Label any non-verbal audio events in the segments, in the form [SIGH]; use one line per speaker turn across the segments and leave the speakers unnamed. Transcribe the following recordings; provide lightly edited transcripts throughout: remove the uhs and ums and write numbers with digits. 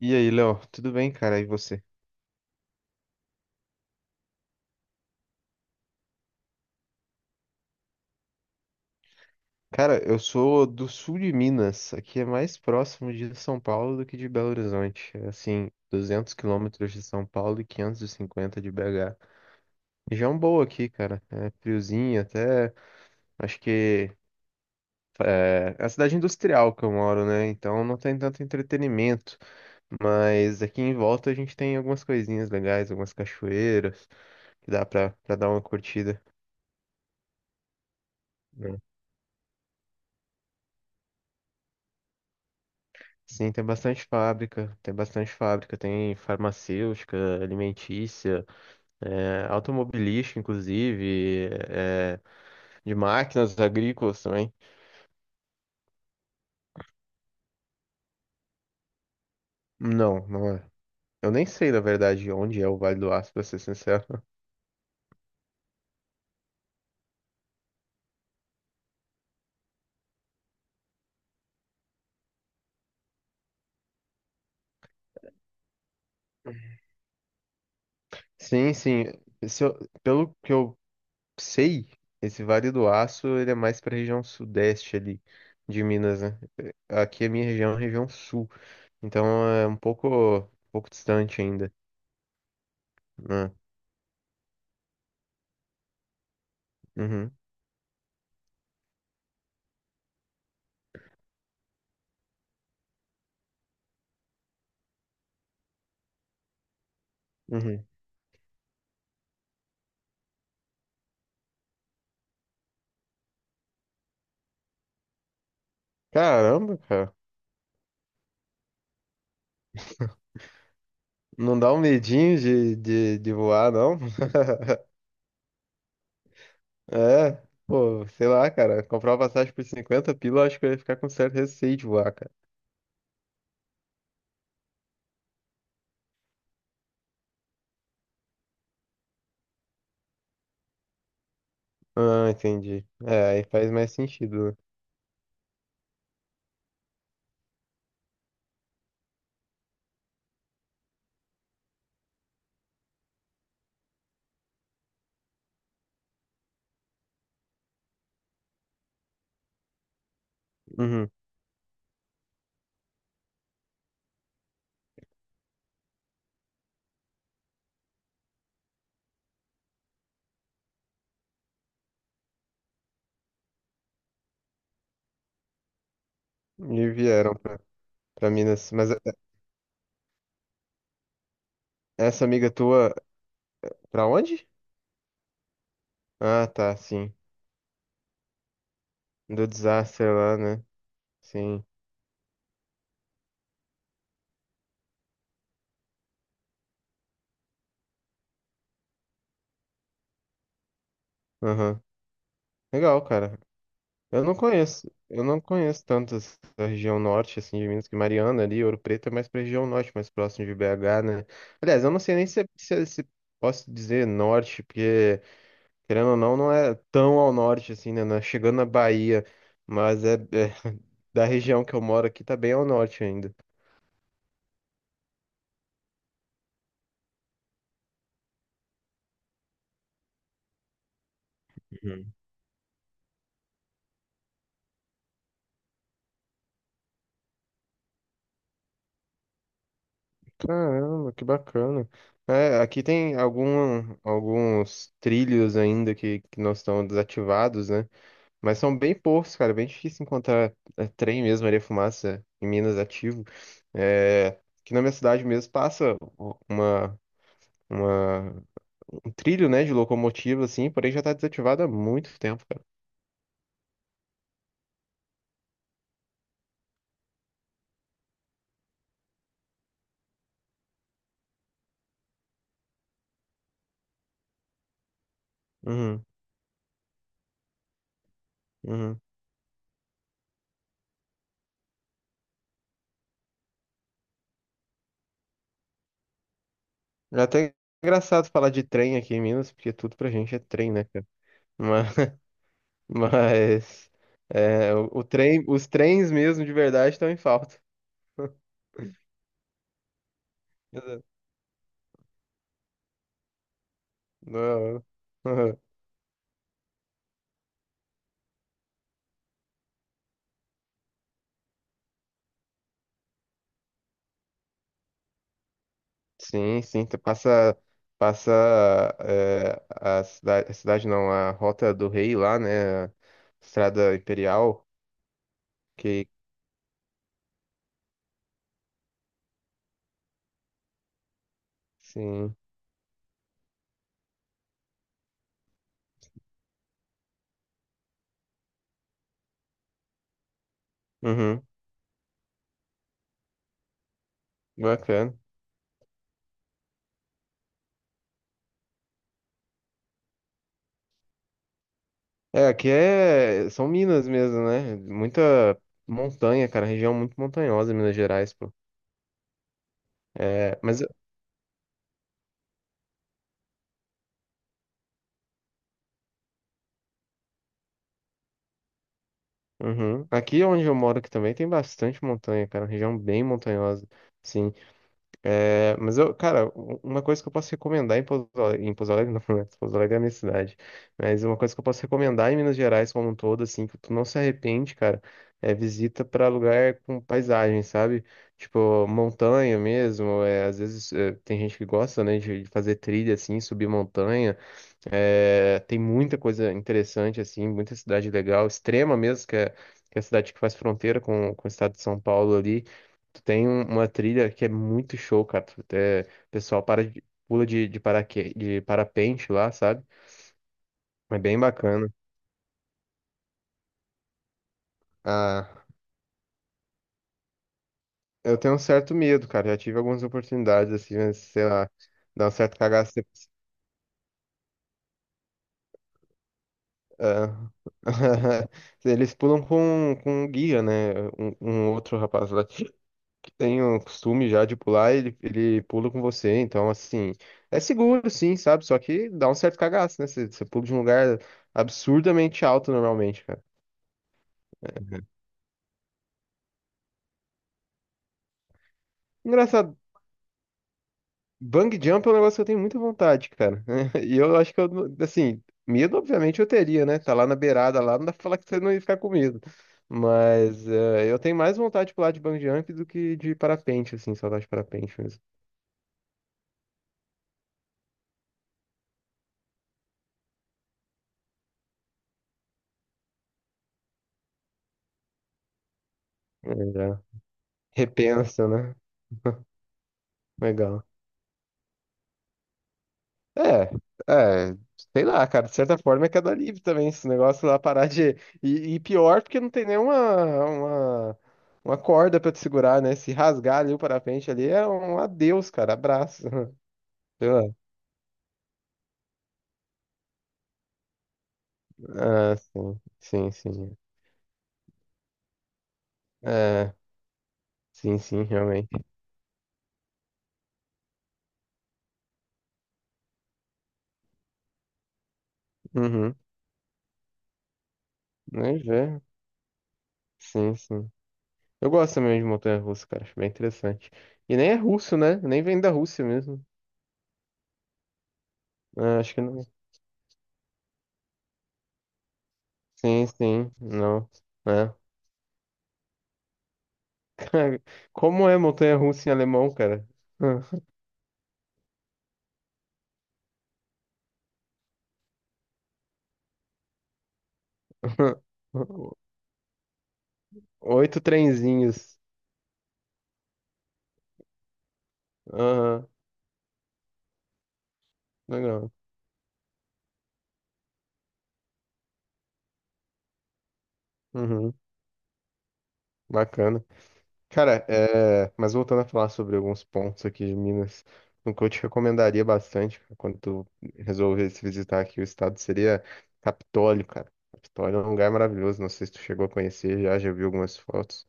E aí, Léo, tudo bem, cara? E você? Cara, eu sou do sul de Minas. Aqui é mais próximo de São Paulo do que de Belo Horizonte. É assim, 200 quilômetros de São Paulo e 550 de BH. Região boa aqui, cara. É friozinho, até acho que é a cidade industrial que eu moro, né? Então não tem tanto entretenimento. Mas aqui em volta a gente tem algumas coisinhas legais, algumas cachoeiras que dá pra dar uma curtida. Né? Sim, tem bastante fábrica, tem bastante fábrica, tem farmacêutica, alimentícia, automobilística, inclusive, de máquinas agrícolas também. Não, não é. Eu nem sei, na verdade, onde é o Vale do Aço, pra ser sincero. Sim, sim. Se eu- Pelo que eu sei, esse Vale do Aço, ele é mais para a região sudeste ali de Minas, né? Aqui a minha região é a região sul, então é um pouco distante ainda, né? Uhum, uhum. Caramba, cara. Não dá um medinho de, de voar, não? [LAUGHS] É, pô, sei lá, cara. Comprar uma passagem por 50, pila, eu acho que eu ia ficar com certo receio de voar, cara. Ah, entendi. É, aí faz mais sentido, né? Uhum. E vieram pra Minas. Mas essa amiga tua, pra onde? Ah, tá, sim. Do desastre lá, né? Sim. Aham. Legal, cara. Eu não conheço tanto essa região norte, assim, de Minas, que Mariana ali, Ouro Preto é mais pra região norte, mais próximo de BH, né? Aliás, eu não sei nem se posso dizer norte, porque, querendo ou não, não é tão ao norte, assim, né? Não é chegando na Bahia, mas é [LAUGHS] da região que eu moro aqui, tá bem ao norte ainda. Uhum. Caramba, que bacana. É, aqui tem algum, alguns trilhos ainda que não estão desativados, né? Mas são bem poucos, cara. Bem difícil encontrar é, trem mesmo, areia fumaça em Minas ativo. É, aqui na minha cidade mesmo passa uma, uma- um trilho, né, de locomotiva, assim, porém já tá desativado há muito tempo, cara. Uhum, uhum. É até engraçado falar de trem aqui em Minas, porque tudo pra gente é trem, né, cara? Mas, [LAUGHS] mas é, o trem, os trens mesmo de verdade estão em falta. Exato. Não. [LAUGHS] Sim, sim, tu passa eh, a cidade não, a Rota do Rei lá, né? A Estrada Imperial, que sim. Uhum, bacana. É, aqui é são Minas mesmo, né? Muita montanha, cara, região muito montanhosa, Minas Gerais, pô. É, mas uhum, aqui onde eu moro aqui também tem bastante montanha, cara, região bem montanhosa. Sim, é, mas eu, cara, uma coisa que eu posso recomendar em Pouso Alegre não, [LAUGHS] né? Pouso Alegre é a minha cidade, mas uma coisa que eu posso recomendar em Minas Gerais como um todo, assim, que tu não se arrepende, cara, é visita pra lugar com paisagem, sabe? Tipo, montanha mesmo, é, às vezes é, tem gente que gosta, né, de fazer trilha, assim, subir montanha, é, tem muita coisa interessante, assim, muita cidade legal, Extrema mesmo, que é a cidade que faz fronteira com o estado de São Paulo ali. Tu tem uma trilha que é muito show, cara. Tu, até- o pessoal para de- pula de, paraque, de parapente lá, sabe? É bem bacana. Ah, eu tenho um certo medo, cara. Já tive algumas oportunidades, assim, mas, sei lá, dá um certo cagaço. Você- ah, [LAUGHS] eles pulam com um guia, né? Um outro rapaz lá. Tem o costume já de pular, ele pula com você, então assim, é seguro sim, sabe? Só que dá um certo cagaço, né? Você pula de um lugar absurdamente alto normalmente, cara. Engraçado, bang jump é um negócio que eu tenho muita vontade, cara. [LAUGHS] E eu acho que eu, não- assim, medo obviamente eu teria, né? Tá lá na beirada lá, não dá pra falar que você não ia ficar com medo. Mas eu tenho mais vontade de pular de bang jump do que de parapente, assim, só de parapente mesmo. É, já. Repensa, né? [LAUGHS] Legal. É, é, sei lá, cara, de certa forma é queda livre também, esse negócio lá parar de. E pior porque não tem nenhuma uma, uma corda pra te segurar, né? Se rasgar ali o parapente ali é um adeus, cara, abraço. [LAUGHS] Sei lá. Ah, sim, sim, sim. É, sim, sim, realmente. Uhum, nem ver. Sim, sim. Eu gosto também de montanha russa, cara, acho bem interessante. E nem é russo, né? Nem vem da Rússia mesmo. Ah, acho que não. Sim, sim, não. Né? Cara, como é montanha-russa em alemão, cara? [LAUGHS] Oito trenzinhos. Aham, legal. Uhum, bacana. Cara, é, mas voltando a falar sobre alguns pontos aqui de Minas, o que eu te recomendaria bastante cara, quando tu resolvesse visitar aqui o estado seria Capitólio, cara. Capitólio é um lugar maravilhoso, não sei se tu chegou a conhecer já, já vi algumas fotos.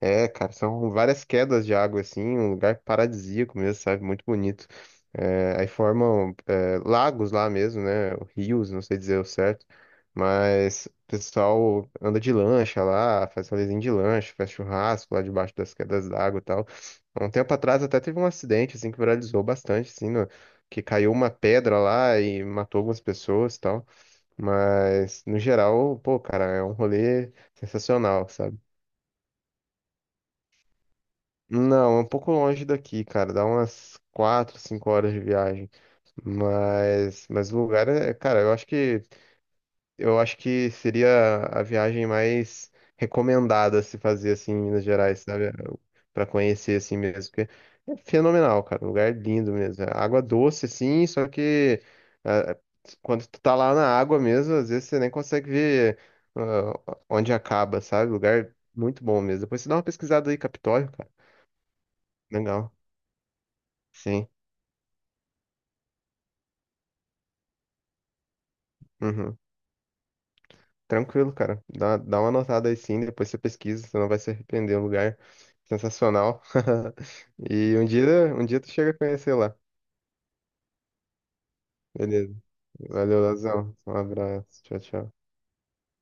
É, cara, são várias quedas de água, assim, um lugar paradisíaco mesmo, sabe? Muito bonito. É, aí formam, é, lagos lá mesmo, né? Rios, não sei dizer o certo. Mas o pessoal anda de lancha lá, faz rolezinho de lancha, faz churrasco lá debaixo das quedas d'água e tal. Há um tempo atrás até teve um acidente, assim, que viralizou bastante, assim, no- que caiu uma pedra lá e matou algumas pessoas e tal. Mas, no geral, pô, cara, é um rolê sensacional, sabe? Não, é um pouco longe daqui, cara. Dá umas 4, 5 horas de viagem. Mas o lugar é, cara, eu acho que seria a viagem mais recomendada a se fazer assim em Minas Gerais, sabe? Pra conhecer assim mesmo, porque é fenomenal, cara. Um lugar é lindo mesmo. É água doce assim, só que ah, quando tu tá lá na água mesmo, às vezes você nem consegue ver ah, onde acaba, sabe? Lugar é muito bom mesmo. Depois você dá uma pesquisada aí, Capitólio, cara. Legal. Sim. Uhum. Tranquilo, cara. Dá uma notada aí sim, depois você pesquisa, você não vai se arrepender. É um lugar sensacional. [LAUGHS] E um dia tu chega a conhecer lá. Beleza. Valeu, Lazão. Um abraço. Tchau, tchau.